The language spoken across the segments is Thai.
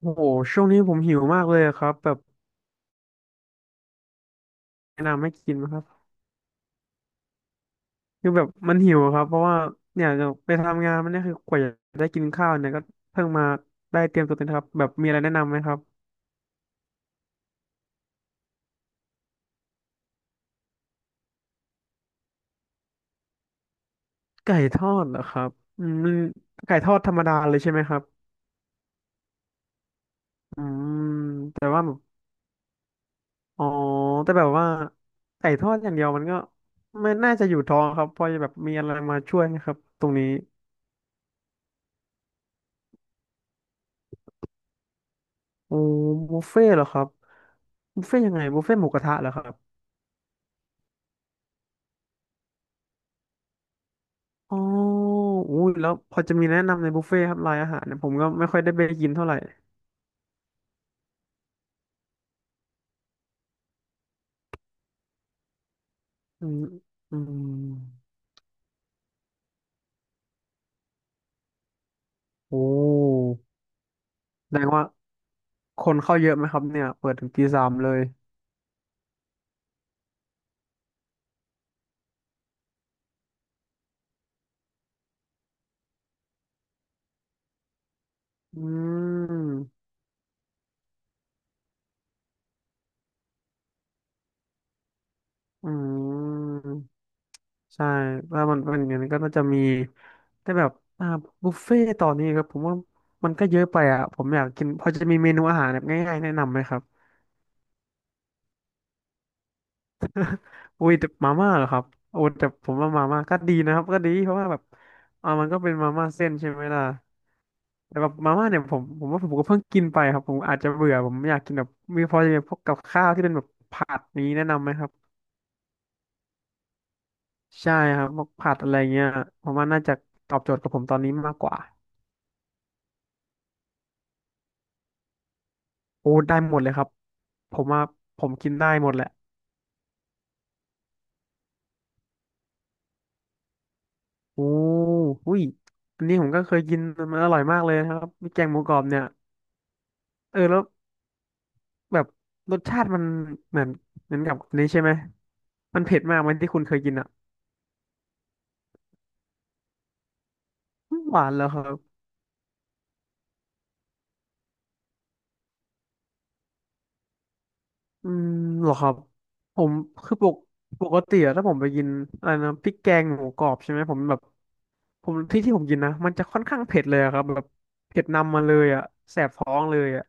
โอ้โหช่วงนี้ผมหิวมากเลยอะครับแบบแนะนำให้กินนะครับคือแบบมันหิวอะครับเพราะว่าเนี่ยจะไปทำงานมันเนี่ยคือกว่าจะได้กินข้าวเนี่ยก็เพิ่งมาได้เตรียมตัวเอ็มะครับแบบมีอะไรแนะนำไหมครับไก่ทอดเหรอครับอืมไก่ทอดธรรมดาเลยใช่ไหมครับอืมแต่ว่าแบบอ๋อแต่แบบว่าไก่ทอดอย่างเดียวมันก็ไม่น่าจะอยู่ท้องครับเพอจะแบบมีอะไรมาช่วยนะครับตรงนี้โอ้บุฟเฟ่ต์เหรอครับบุฟเฟ่ต์ยังไงบุฟเฟ่ต์หมูกระทะเหรอครับ อ๋ออุ้ยแล้วพอจะมีแนะนำในบุฟเฟ่ต์ครับรายอาหารเนี่ยผมก็ไม่ค่อยได้ไปกินเท่าไหร่อืมอืมโอ้แสดงว่าคนเข้าเยอะไหมครับเนี่ย เปิดถึงตีสามเลยอืมอืมใช่ถ้ามันเป็นอย่างนั้นก็น่าจะมีแต่แบบอ่าบุฟเฟ่ต์ตอนนี้ครับผมว่ามันก็เยอะไปอ่ะ ผมอยากกินพอจะมีเมนูอาหารแบบง่ายๆแนะนำไหมครับ อุ้ยแต่มาม่าเหรอครับโอ้แต่ผมว่ามาม่าก็ดีนะครับก็ดีเพราะว่าแบบมันก็เป็นมาม่าเส้นใช่ไหมล่ะแต่แบบมาม่าเนี่ยผมว่าผมก็เพิ่งกินไปครับผมอาจจะเบื่อผมไม่อยากกินแบบมีพอจะมีพวกกับข้าวที่เป็นแบบผัดนี้แนะนำไหมครับใช่ครับพวกผัดอะไรเงี้ยผมว่าน่าจะตอบโจทย์กับผมตอนนี้มากกว่าโอ้ได้หมดเลยครับผมว่าผมกินได้หมดแหละโอ้อุ้ยอันนี้ผมก็เคยกินมันอร่อยมากเลยนะครับมีแกงหมูกรอบเนี่ยเออแล้ว แบบรสชาติมันเหมือนเหมือนกับนี้ใช่ไหมมันเผ็ดมากไหมัที่คุณเคยกินอ่ะหวานแล้วครับอืมเหรอครับผมคือปกติอะถ้าผมไปกินอะไรนะพริกแกงหมูกรอบใช่ไหมผมแบบผมที่ผมกินนะมันจะค่อนข้างเผ็ดเลยอะครับแบบเผ็ดนำมาเลยอ่ะแสบท้องเลยอ่ะ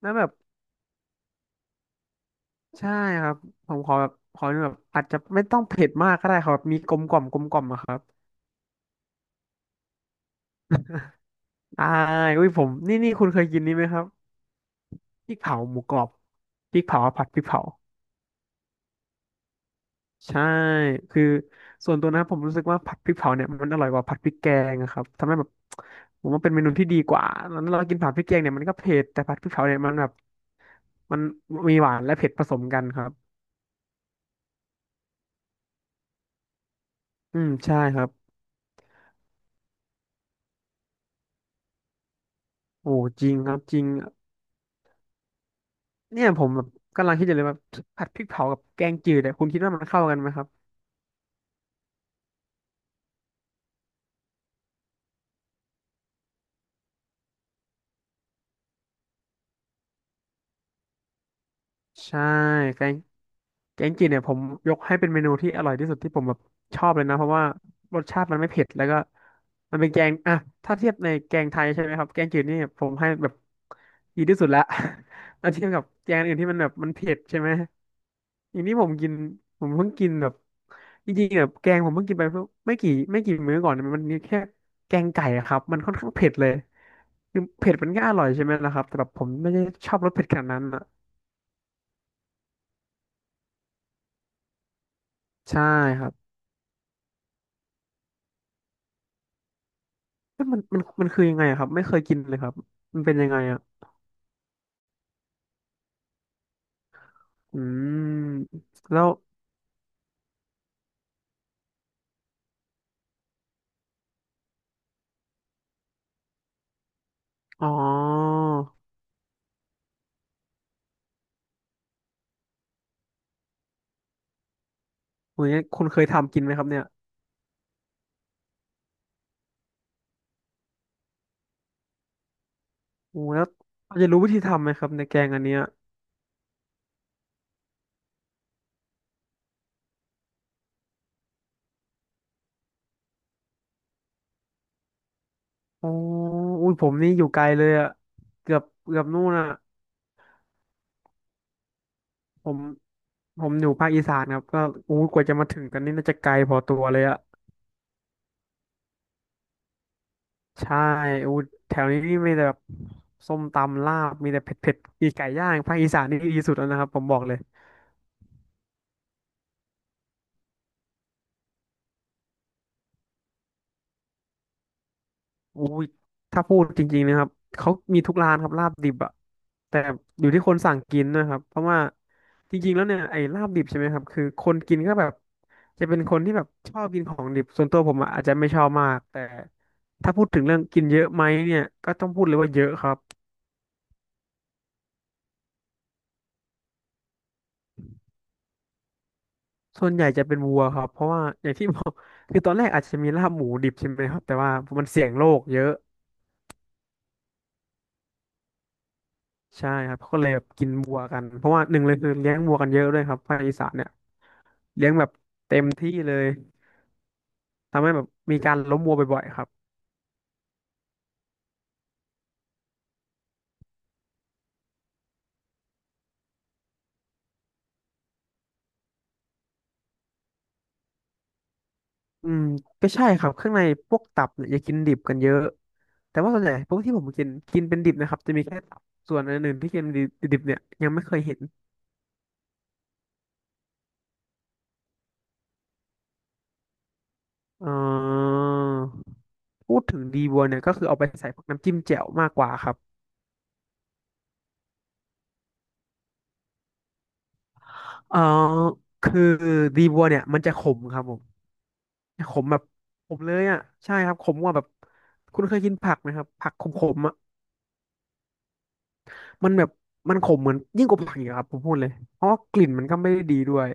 แล้วแบบใช่ครับผมขอแบบขอแบบอาจจะไม่ต้องเผ็ดมากก็ได้ครับมีกลมกล่อมกลมกล่อมอะครับอ่าอุ้ยผมนี่คุณเคยกินนี้ไหมครับ พริกเผาหมูกรอบพริกเผาผัดพริกเผาใช่คือส่วนตัวนะผมรู้สึกว่าผัดพริกเผาเนี่ยมันอร่อยกว่าผัดพริกแกงนะครับทำให้แบบผมว่าเป็นเมนูที่ดีกว่าแล้วเรากินผัดพริกแกงเนี่ยมันก็เผ็ดแต่ผัดพริกเผาเนี่ยมันแบบมันมีหวานและเผ็ดผสมกันครับอืมใช่ครับโอ้จริงครับจริงเนี่ยผมแบบกำลังคิดอยู่เลยว่าผัดพริกเผากับแกงจืดเนี่ยคุณคิดว่ามันเข้ากันไหมครับใช่แกง แกงจืดเนี่ยผมยกให้เป็นเมนูที่อร่อยที่สุดที่ผมแบบชอบเลยนะเพราะว่ารสชาติมันไม่เผ็ดแล้วก็มันเป็นแกงอ่ะถ้าเทียบในแกงไทยใช่ไหมครับแกงจืดนี่ผมให้แบบดีที่สุดละ แล้วเทียบกับแกงอื่นที่มันแบบมันเผ็ดใช่ไหมอย่างที่ผมกินผมเพิ่งกินแบบจริงๆแบบแกงผมเพิ่งกินไปเพิ่งไม่กี่มื้อก่อนเนี่ยมันมีแค่แกงไก่อะครับมันค่อนข้างเผ็ดเลยคือเผ็ดมันก็อร่อยใช่ไหมล่ะครับแต่แบบผมไม่ได้ชอบรสเผ็ดขนาดนั้นอ่ะใช่ครับ เอ๊ะมันคือยังไงอะครับ ไม่เคยกินเลยครับมันเป็นยังไงอ่ะอืมแล้วอ๋อโหอย่างเงี้ยคุณเคยทำกินไหมครับเนี่ย โอ้แล้วเราจะรู้วิธีทำไหมครับในแกงอันเนี้ยอ๋ออุ้ยผมนี่อยู่ไกลเลยอ่ะเกือบเกือบนู่นอ่ะผมผมอยู่ภาคอีสานครับก็อู้กว่าจะมาถึงกันนี่น่าจะไกลพอตัวเลยอ่ะใช่อู้แถวนี้นี่มีแต่แบบส้มตำลาบ มีแต่เผ็ดเผ็ดมีไก่ย่างภาคอีสานนี่ดีสุดแล้วนะครับผมบอกเลย อุ้ยถ้าพูดจริงๆนะครับเขามีทุกร้านครับลาบดิบอะแต่อยู่ที่คนสั่งกินนะครับเพราะว่าจริงๆแล้วเนี่ยไอ้ลาบดิบใช่ไหมครับคือคนกินก็แบบจะเป็นคนที่แบบชอบกินของดิบส่วนตัวผมอะอาจจะไม่ชอบมากแต่ถ้าพูดถึงเรื่องกินเยอะไหมเนี่ยก็ต้องพูดเลยว่าเยอะครับส่วนใหญ่จะเป็นวัวครับเพราะว่าอย่างที่บอกคือตอนแรกอาจจะมีลาบหมูดิบใช่ไหมครับแต่ว่ามันเสี่ยงโรคเยอะใช่ครับเขาก็เลยแบบกินวัวกันเพราะว่าหนึ่งเลยคือเลี้ยงวัวกันเยอะด้วยครับภาคอีสานเนี่ยเลี้ยงแบบ ที่เลยทำให้แบบมีการล้มวัวบ่อยๆครับอืมก็ใช่ครับข้างในพวกตับเนี่ยอย่ากินดิบกันเยอะแต่ว่าส่วนใหญ่พวกที่ผมกินกินเป็นดิบนะครับจะมีแค่ตับส่วนอันอื่นที่กินดิบดิบเนี่ยยังไม่เคยเห็นเอ่อพูดถึงดีบัวเนี่ยก็คือเอาไปใส่พวกน้ำจิ้มแจ่วมากกว่าครับเอ่อคือดีบัวเนี่ยมันจะขมครับผมขมแบบขมเลยอ่ะใช่ครับขมกว่าแบบคุณเคยกินผักไหมครับผักขมๆอ่ะ มันแบบมันขมเหมือนยิ่งกว่าผักอีกอะครับผมพูดเลยเพราะว่ากลิ่นมันก็ไม่ได้ดีด้วย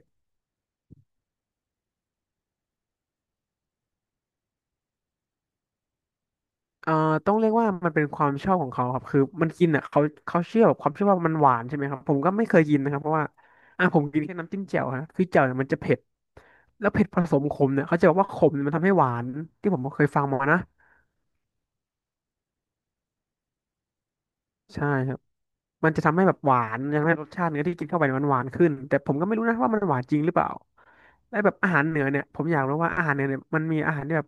เอ่อต้องเรียกว่ามันเป็นความชอบของเขาครับคือมันกินอ่ะเขาเชื่อแบบความเชื่อว่ามันหวานใช่ไหมครับผมก็ไม่เคยกินนะครับเพราะว่าอ่ะผมกินแค่น้ำจิ้มแจ่วฮะคือแจ่วเนี่ยมันจะเผ็ดแล้วเผ็ดผสมขมเนี่ยเขาจะบอกว่าขมเนี่ยมันทำให้หวานที่ผมเคยฟังมานะใช่ครับ มันจะทำให้แบบหวานทำให้รสชาติเนื้อที่กินเข้าไปเนี่ยมันหวานขึ้นแต่ผมก็ไม่รู้นะว่ามันหวานจริงหรือเปล่า และแบบอาหารเหนือเนี่ยผมอยากรู้ว่าอาหารเหนือเนี่ยมันมีอาหารที่แบบ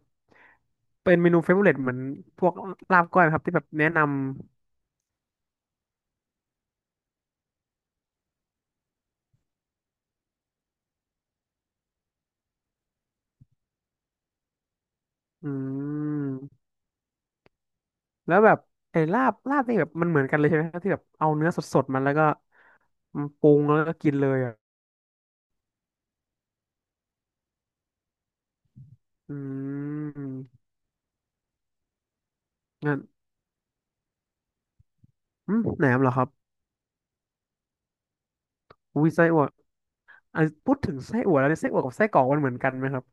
เป็นเมนูเฟเวอเรเหมือนพวกลาบก้อยไหมครับที่แบบแนะนำอืมแล้วแบบไอ้ลาบนี่แบบมันเหมือนกันเลยใช่ไหมครับที่แบบเอาเนื้อสดๆมันแล้วก็มาปรุงแล้วก็กินเลยอ่ะอืมงั้นอืมแหนมเหรอครับอุ้ยไส้อั่วอ่ะพูดถึงไส้อั่วแล้วเนี่ยไส้อั่วกับไส้กรอกมันเหมือนกันไหมครับ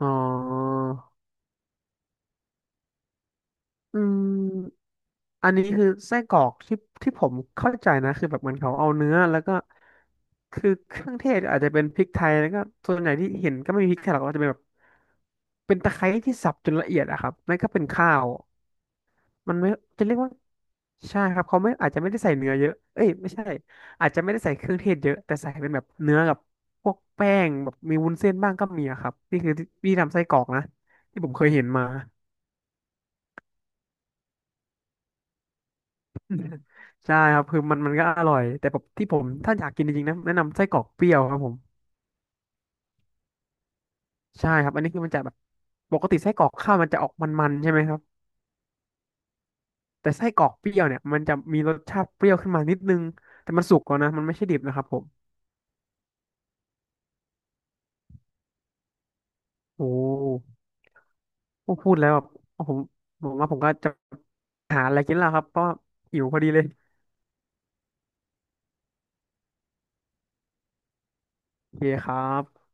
อ๋ออืม อันนี้คือไส้กรอกที่ผมเข้าใจนะคือแบบเหมือนเขาเอาเนื้อแล้วก็คือเครื่องเทศอาจจะเป็นพริกไทยแล้วก็ส่วนใหญ่ที่เห็นก็ไม่มีพริกไทยหรอกก็จะเป็นแบบเป็นตะไคร้ที่สับจนละเอียดอะครับนั่นก็เป็นข้าวมันไม่จะเรียกว่าใช่ครับเขาไม่อาจจะไม่ได้ใส่เนื้อเยอะเอ้ยไม่ใช่อาจจะไม่ได้ใส่เครื่องเทศเยอะแต่ใส่เป็นแบบเนื้อกับพวกแป้งแบบมีวุ้นเส้นบ้างก็มีอะครับนี่คือที่ทำไส้กรอกนะที่ผมเคยเห็นมา ใช่ครับคือมันมันก็อร่อยแต่แบบที่ผมถ้าอยากกินจริงๆนะแนะนำไส้กรอกเปรี้ยวครับผมใช่ครับอันนี้คือมันจะแบบปกติไส้กรอกข้าวมันจะออกมันๆใช่ไหมครับแต่ไส้กรอกเปรี้ยวเนี่ยมันจะมีรสชาติเปรี้ยวขึ้นมานิดนึงแต่มันสุกก่อนนะมันไม่ใช่ดิบนะครับผมโอ้โหพูดแล้วแบบผมผมว่าผมก็จะหาอะไรกินแล้วครับเพราะว่าหิวพอดีเลยโอเคครับ